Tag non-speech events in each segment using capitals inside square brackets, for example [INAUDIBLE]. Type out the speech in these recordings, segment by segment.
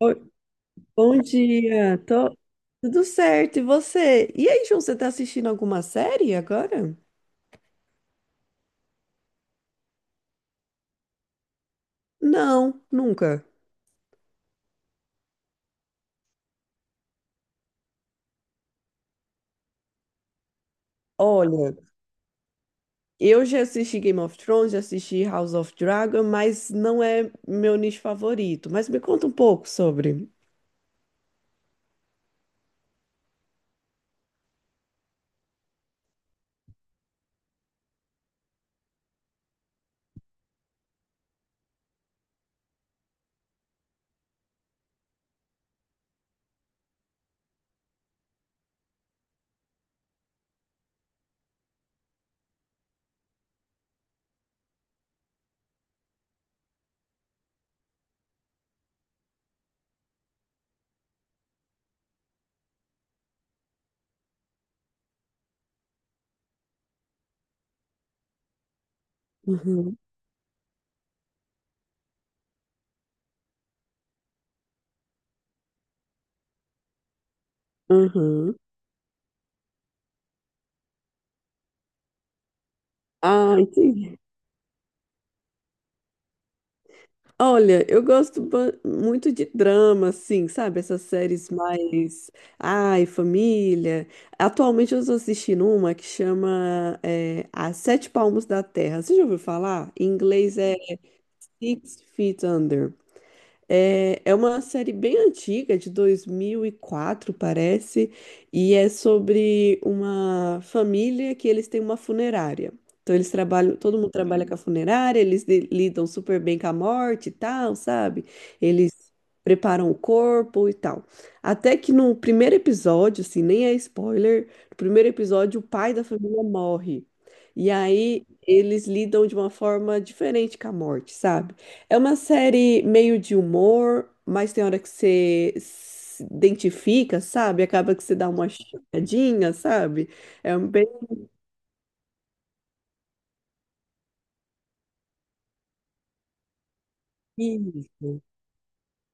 Oi, bom dia. Tudo certo, e você? E aí, João, você tá assistindo alguma série agora? Não, nunca. Olha, eu já assisti Game of Thrones, já assisti House of Dragon, mas não é meu nicho favorito. Mas me conta um pouco sobre. Uhum, uhum. Ah, entendi. Olha, eu gosto muito de drama, assim, sabe? Essas séries mais. Ai, família. Atualmente eu estou assistindo uma que chama As Sete Palmos da Terra. Você já ouviu falar? Em inglês é Six Feet Under. É, é uma série bem antiga, de 2004, parece, e é sobre uma família que eles têm uma funerária. Então eles trabalham, todo mundo trabalha com a funerária, eles lidam super bem com a morte e tal, sabe? Eles preparam o corpo e tal. Até que no primeiro episódio, assim, nem é spoiler, no primeiro episódio o pai da família morre. E aí eles lidam de uma forma diferente com a morte, sabe? É uma série meio de humor, mas tem hora que você se identifica, sabe? Acaba que você dá uma choradinha, sabe? É um bem. Isso.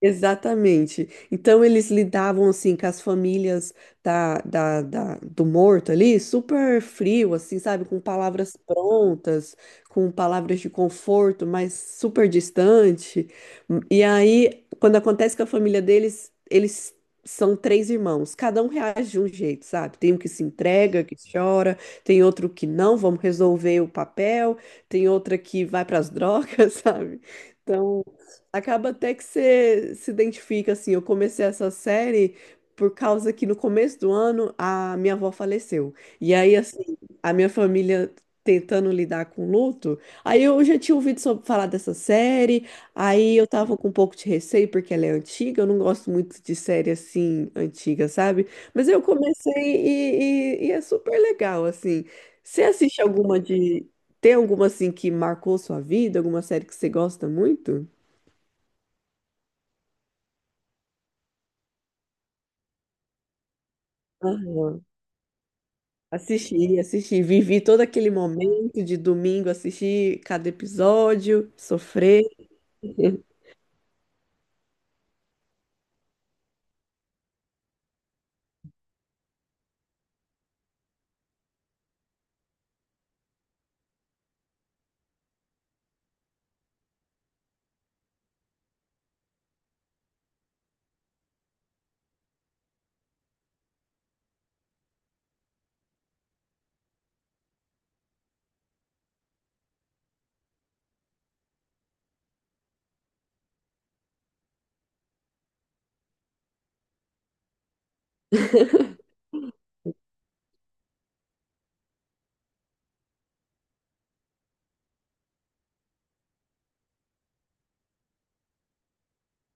Exatamente. Então eles lidavam assim com as famílias do morto ali, super frio, assim, sabe, com palavras prontas, com palavras de conforto, mas super distante. E aí, quando acontece com a família deles, eles são três irmãos, cada um reage de um jeito, sabe? Tem um que se entrega, que chora, tem outro que não, vamos resolver o papel, tem outra que vai para as drogas, [LAUGHS] sabe? Então, acaba até que você se identifica, assim. Eu comecei essa série por causa que no começo do ano a minha avó faleceu. E aí, assim, a minha família tentando lidar com o luto, aí eu já tinha ouvido falar dessa série, aí eu tava com um pouco de receio porque ela é antiga, eu não gosto muito de série assim, antiga, sabe? Mas eu comecei e é super legal, assim. Você assiste alguma. Tem alguma, assim, que marcou sua vida? Alguma série que você gosta muito? Aham. Assisti, assisti, vivi todo aquele momento de domingo, assisti cada episódio, sofrer. [LAUGHS]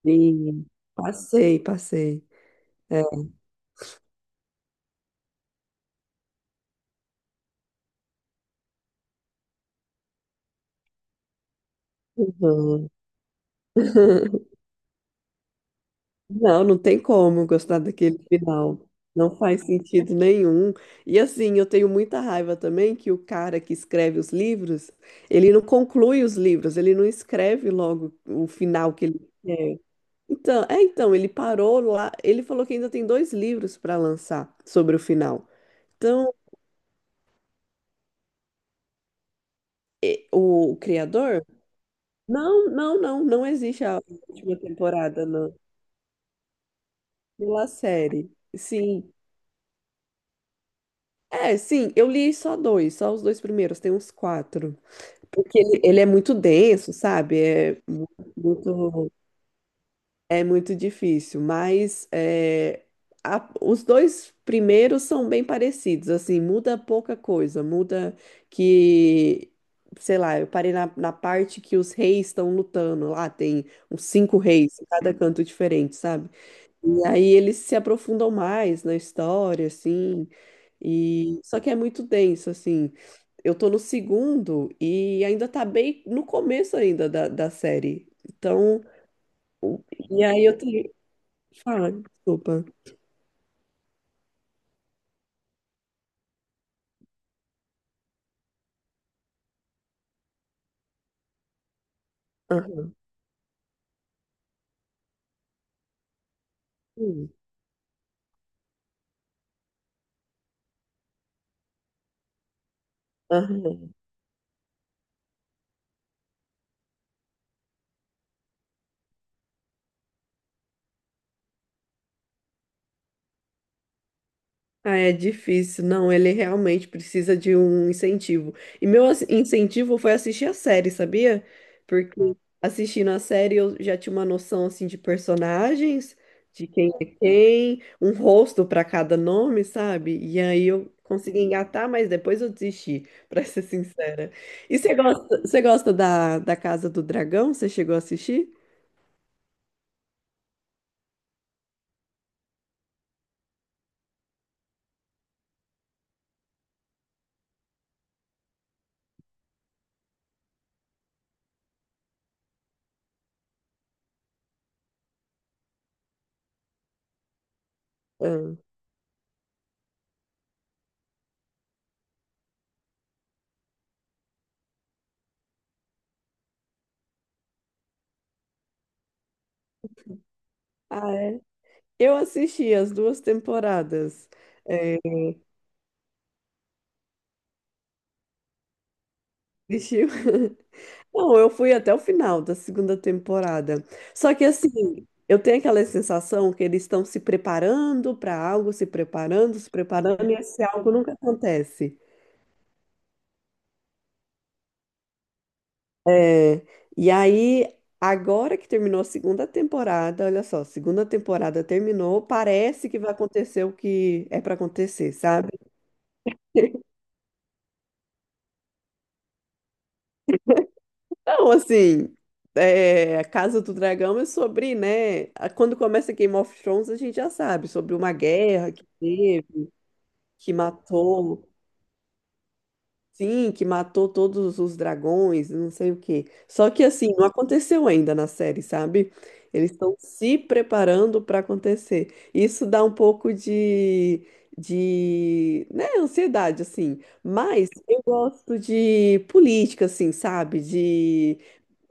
Sim, passei, passei. É. Uhum. [LAUGHS] Não, não tem como gostar daquele final. Não faz sentido nenhum. E assim, eu tenho muita raiva também que o cara que escreve os livros, ele não conclui os livros, ele não escreve logo o final que ele quer. Então, ele parou lá. Ele falou que ainda tem dois livros para lançar sobre o final. Então, o criador? Não, não, não, não existe a última temporada, não. Pela série. Sim. É, sim, eu li só dois, só os dois primeiros, tem uns quatro. Porque ele é muito denso, sabe? É muito. É muito difícil, mas os dois primeiros são bem parecidos, assim, muda pouca coisa, muda que, sei lá, eu parei na parte que os reis estão lutando, lá tem uns cinco reis em cada canto diferente, sabe? E aí eles se aprofundam mais na história, assim, e só que é muito denso, assim. Eu tô no segundo e ainda tá bem no começo ainda da série, então. o- e aí eu tô. Fala, desculpa. Hum, aham. Ah, é difícil. Não, ele realmente precisa de um incentivo. E meu incentivo foi assistir a série, sabia? Porque assistindo a série eu já tinha uma noção assim de personagens, de quem é quem, um rosto para cada nome, sabe? E aí eu consegui engatar, mas depois eu desisti, [LAUGHS] para ser sincera. E você gosta da Casa do Dragão? Você chegou a assistir? Ah, Ah, é. Eu assisti as duas temporadas. É, assisti- [LAUGHS] Não, eu fui até o final da segunda temporada. Só que assim, eu tenho aquela sensação que eles estão se preparando para algo, se preparando, se preparando, e esse algo nunca acontece. É, e aí, agora que terminou a segunda temporada, olha só, segunda temporada terminou, parece que vai acontecer o que é para acontecer, sabe? Então, assim, a Casa do Dragão é sobre, né? Quando começa Game of Thrones, a gente já sabe sobre uma guerra que teve, que matou, sim, que matou todos os dragões, não sei o quê. Só que, assim, não aconteceu ainda na série, sabe? Eles estão se preparando para acontecer. Isso dá um pouco de, né, ansiedade, assim. Mas eu gosto de política, assim, sabe? De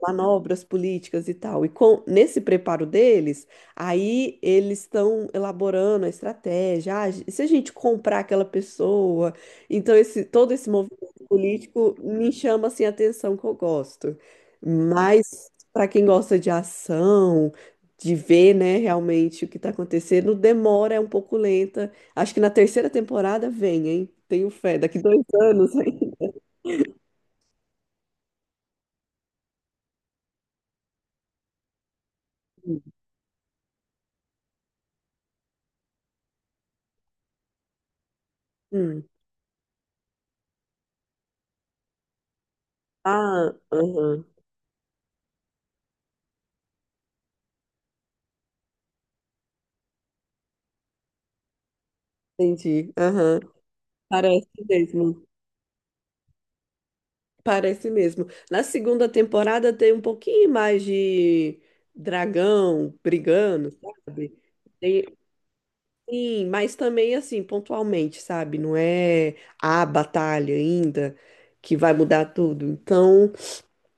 manobras políticas e tal. E com nesse preparo deles, aí eles estão elaborando a estratégia. Ah, e se a gente comprar aquela pessoa, então esse todo esse movimento político me chama assim a atenção que eu gosto. Mas para quem gosta de ação, de ver, né, realmente o que está acontecendo, demora, é um pouco lenta. Acho que na terceira temporada vem, hein? Tenho fé, daqui 2 anos. [LAUGHS] Hein? Hum. Ah, aham, entendi. Aham. Parece mesmo. Parece mesmo. Na segunda temporada tem um pouquinho mais de dragão brigando, sabe? Tem, sim, mas também assim, pontualmente, sabe? Não é a batalha ainda que vai mudar tudo. Então,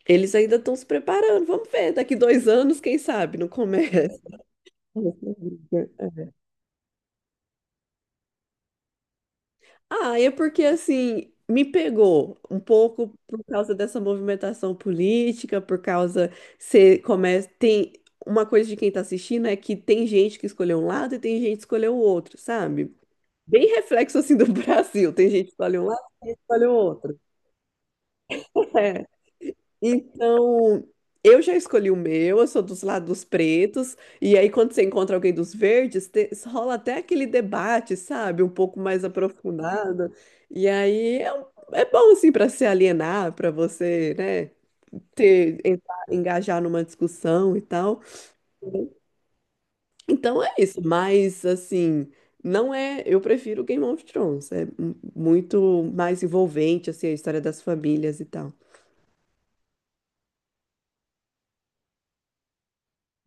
eles ainda estão se preparando. Vamos ver, daqui 2 anos, quem sabe, não começa. [LAUGHS] Ah, é porque assim, me pegou um pouco por causa dessa movimentação política, por causa você começa tem uma coisa de quem tá assistindo é que tem gente que escolheu um lado e tem gente que escolheu o outro, sabe? Bem reflexo assim do [LAUGHS] Brasil, tem gente que escolhe um lado e escolhe o outro. É, então, eu já escolhi o meu, eu sou dos lados pretos, e aí quando você encontra alguém dos verdes, rola até aquele debate, sabe? Um pouco mais aprofundado. E aí é bom, assim, para se alienar, para você, né, ter, engajar numa discussão e tal. Então é isso, mas assim, não é. Eu prefiro Game of Thrones, é muito mais envolvente, assim, a história das famílias e tal.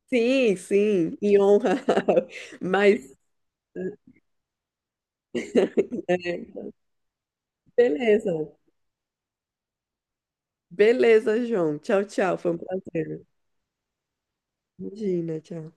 Sim, sim, em honra. [LAUGHS] Mas, é, beleza. Beleza, João. Tchau, tchau. Foi um prazer. Imagina, tchau.